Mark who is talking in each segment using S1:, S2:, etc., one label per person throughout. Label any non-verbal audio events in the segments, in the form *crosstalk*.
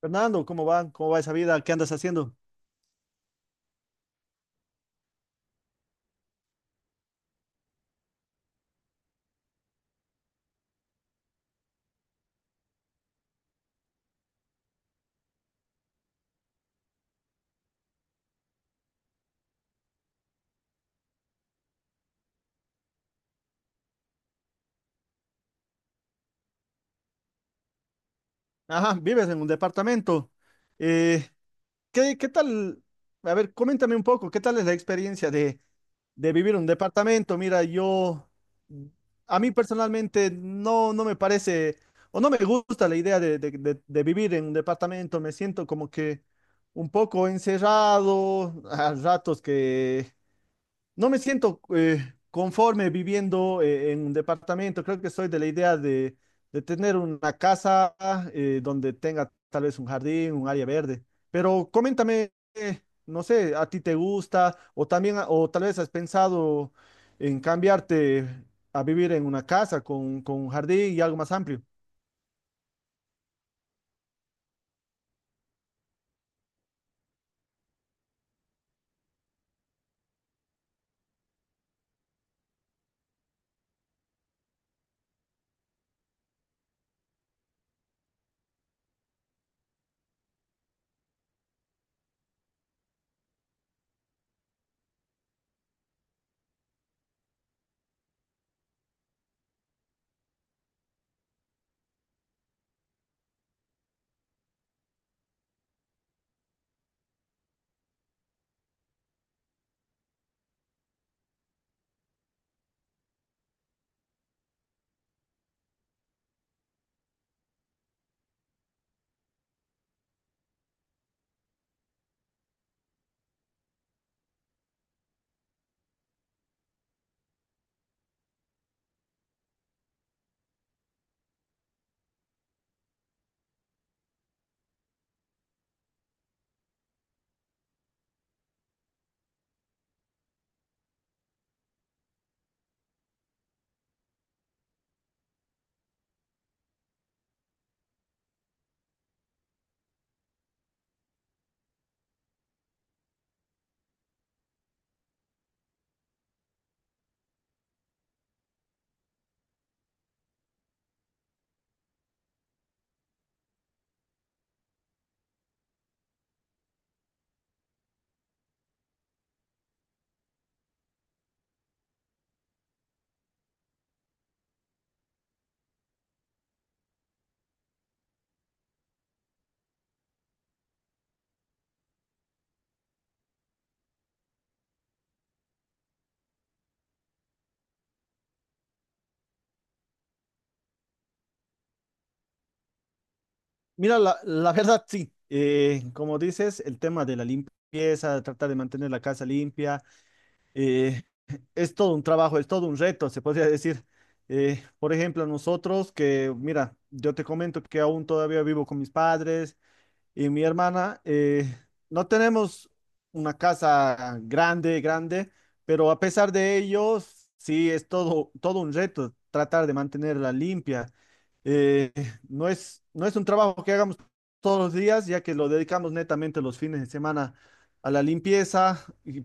S1: Fernando, ¿cómo va? ¿Cómo va esa vida? ¿Qué andas haciendo? Ajá, vives en un departamento. Eh, ¿qué tal? A ver, coméntame un poco, ¿qué tal es la experiencia de vivir en un departamento? Mira, yo, a mí personalmente no me parece, o no me gusta la idea de vivir en un departamento. Me siento como que un poco encerrado, a ratos que no me siento conforme viviendo en un departamento. Creo que soy de la idea de tener una casa, donde tenga tal vez un jardín, un área verde. Pero coméntame, no sé, ¿a ti te gusta? O también, o tal vez has pensado en cambiarte a vivir en una casa con un jardín y algo más amplio. Mira, la verdad sí. Como dices, el tema de la limpieza, tratar de mantener la casa limpia, eh, *laughs* es todo un trabajo, es todo un reto, se podría decir. Por ejemplo, nosotros que, mira, yo te comento que aún todavía vivo con mis padres y mi hermana. No tenemos una casa grande, grande, pero a pesar de ello, sí, es todo, todo un reto tratar de mantenerla limpia. Eh, no es, no es un trabajo que hagamos todos los días, ya que lo dedicamos netamente los fines de semana a la limpieza, y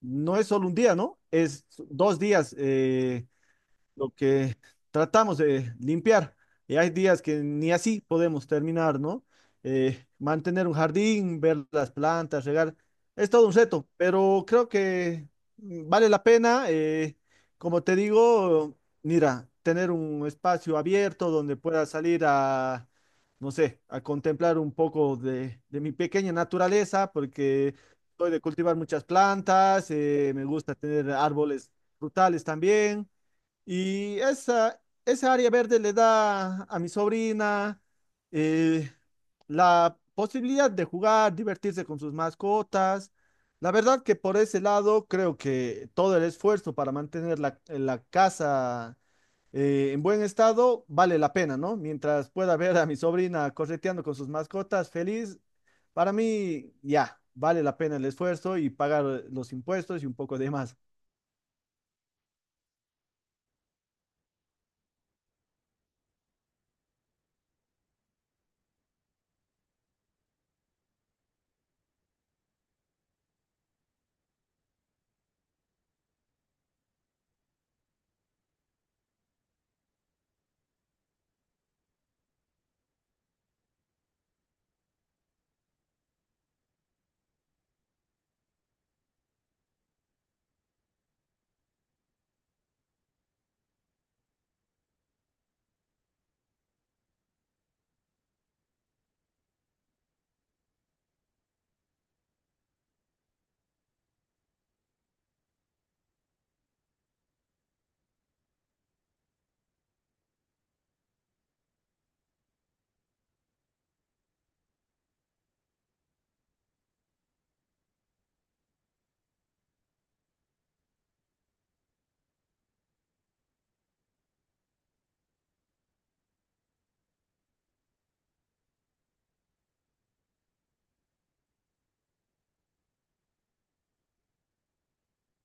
S1: no es solo un día, ¿no? Es dos días, lo que tratamos de limpiar. Y hay días que ni así podemos terminar, ¿no? Mantener un jardín, ver las plantas, regar, es todo un reto, pero creo que, mm, vale la pena. Como te digo, mira, tener un espacio abierto donde pueda salir a, no sé, a contemplar un poco de mi pequeña naturaleza, porque soy de cultivar muchas plantas. Me gusta tener árboles frutales también. Y esa área verde le da a mi sobrina eh, la posibilidad de jugar, divertirse con sus mascotas. La verdad que por ese lado creo que todo el esfuerzo para mantener la casa en buen estado vale la pena, ¿no? Mientras pueda ver a mi sobrina correteando con sus mascotas feliz, para mí ya vale la pena el esfuerzo y pagar los impuestos y un poco de más.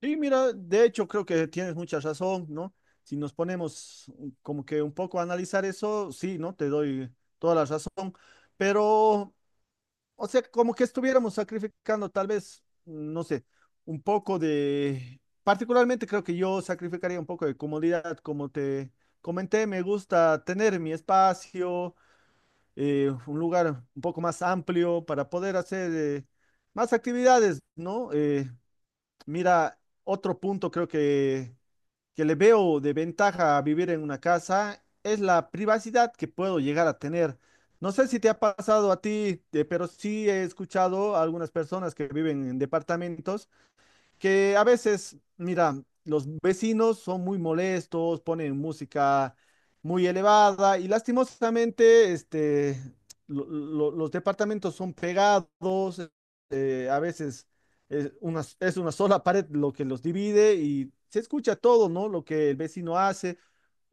S1: Sí, mira, de hecho creo que tienes mucha razón, ¿no? Si nos ponemos como que un poco a analizar eso, sí, ¿no? Te doy toda la razón, pero, o sea, como que estuviéramos sacrificando tal vez, no sé, un poco de, particularmente creo que yo sacrificaría un poco de comodidad. Como te comenté, me gusta tener mi espacio, un lugar un poco más amplio para poder hacer, más actividades, ¿no? Mira, otro punto creo que le veo de ventaja a vivir en una casa es la privacidad que puedo llegar a tener. No sé si te ha pasado a ti, pero sí he escuchado a algunas personas que viven en departamentos que a veces, mira, los vecinos son muy molestos, ponen música muy elevada y lastimosamente, este, los departamentos son pegados. A veces es una sola pared lo que los divide y se escucha todo, ¿no? Lo que el vecino hace.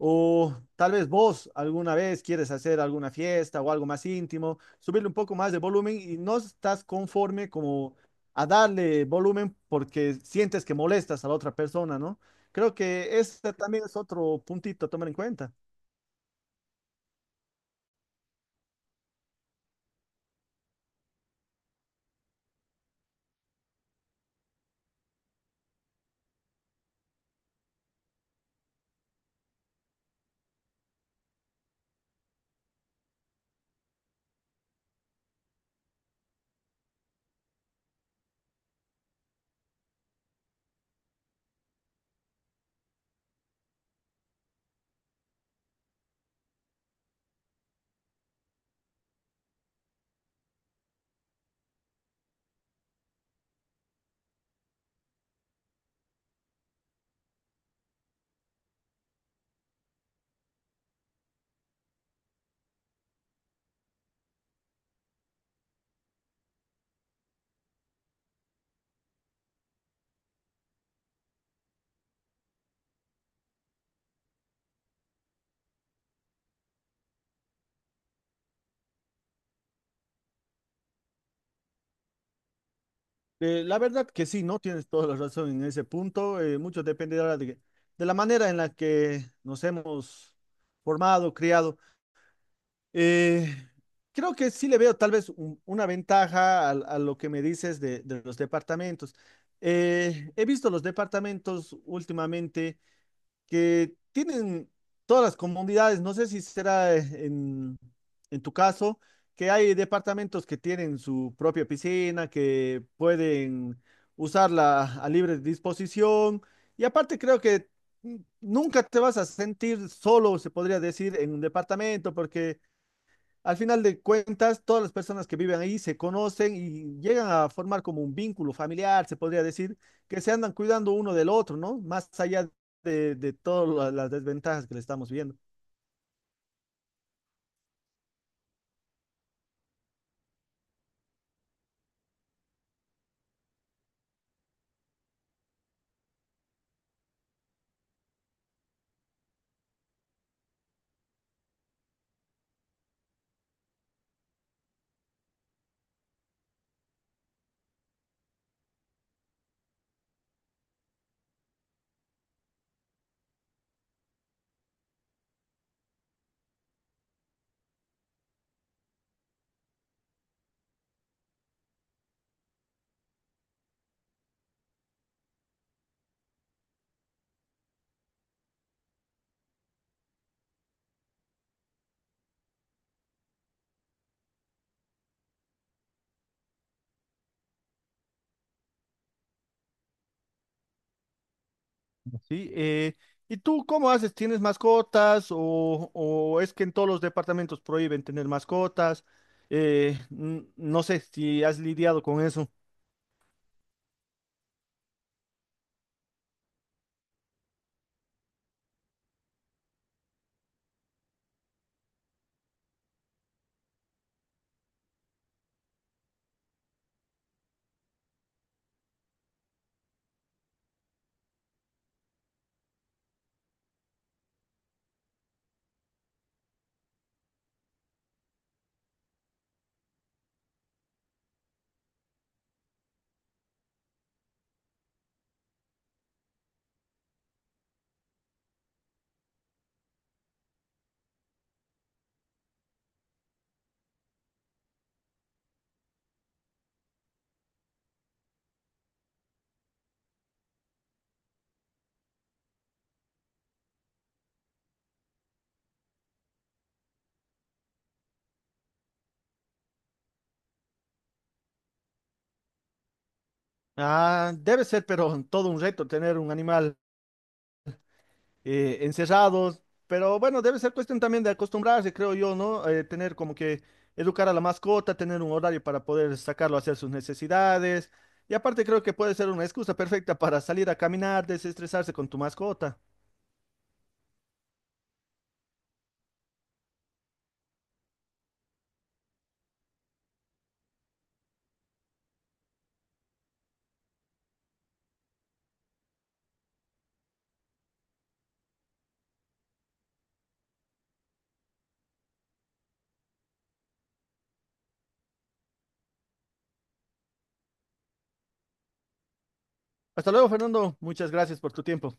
S1: O tal vez vos alguna vez quieres hacer alguna fiesta o algo más íntimo, subirle un poco más de volumen y no estás conforme como a darle volumen porque sientes que molestas a la otra persona, ¿no? Creo que este también es otro puntito a tomar en cuenta. La verdad que sí, ¿no? Tienes toda la razón en ese punto. Mucho depende ahora de la manera en la que nos hemos formado, criado. Eh, Creo que sí le veo tal vez una ventaja a lo que me dices de los departamentos. He visto los departamentos últimamente que tienen todas las comunidades, no sé si será en tu caso, que hay departamentos que tienen su propia piscina, que pueden usarla a libre disposición. Y aparte creo que, mm, nunca te vas a sentir solo, se podría decir, en un departamento, porque al final de cuentas, todas las personas que viven ahí se conocen y llegan a formar como un vínculo familiar, se podría decir, que se andan cuidando uno del otro, ¿no? Más allá de todas las desventajas que le estamos viendo. Sí, ¿y tú cómo haces? ¿Tienes mascotas o es que en todos los departamentos prohíben tener mascotas? No sé si has lidiado con eso. Ah, debe ser, pero todo un reto tener un animal encerrados, pero bueno, debe ser cuestión también de acostumbrarse, creo yo, ¿no? Tener como que educar a la mascota, tener un horario para poder sacarlo a hacer sus necesidades. Y aparte creo que puede ser una excusa perfecta para salir a caminar, desestresarse con tu mascota. Hasta luego, Fernando. Muchas gracias por tu tiempo.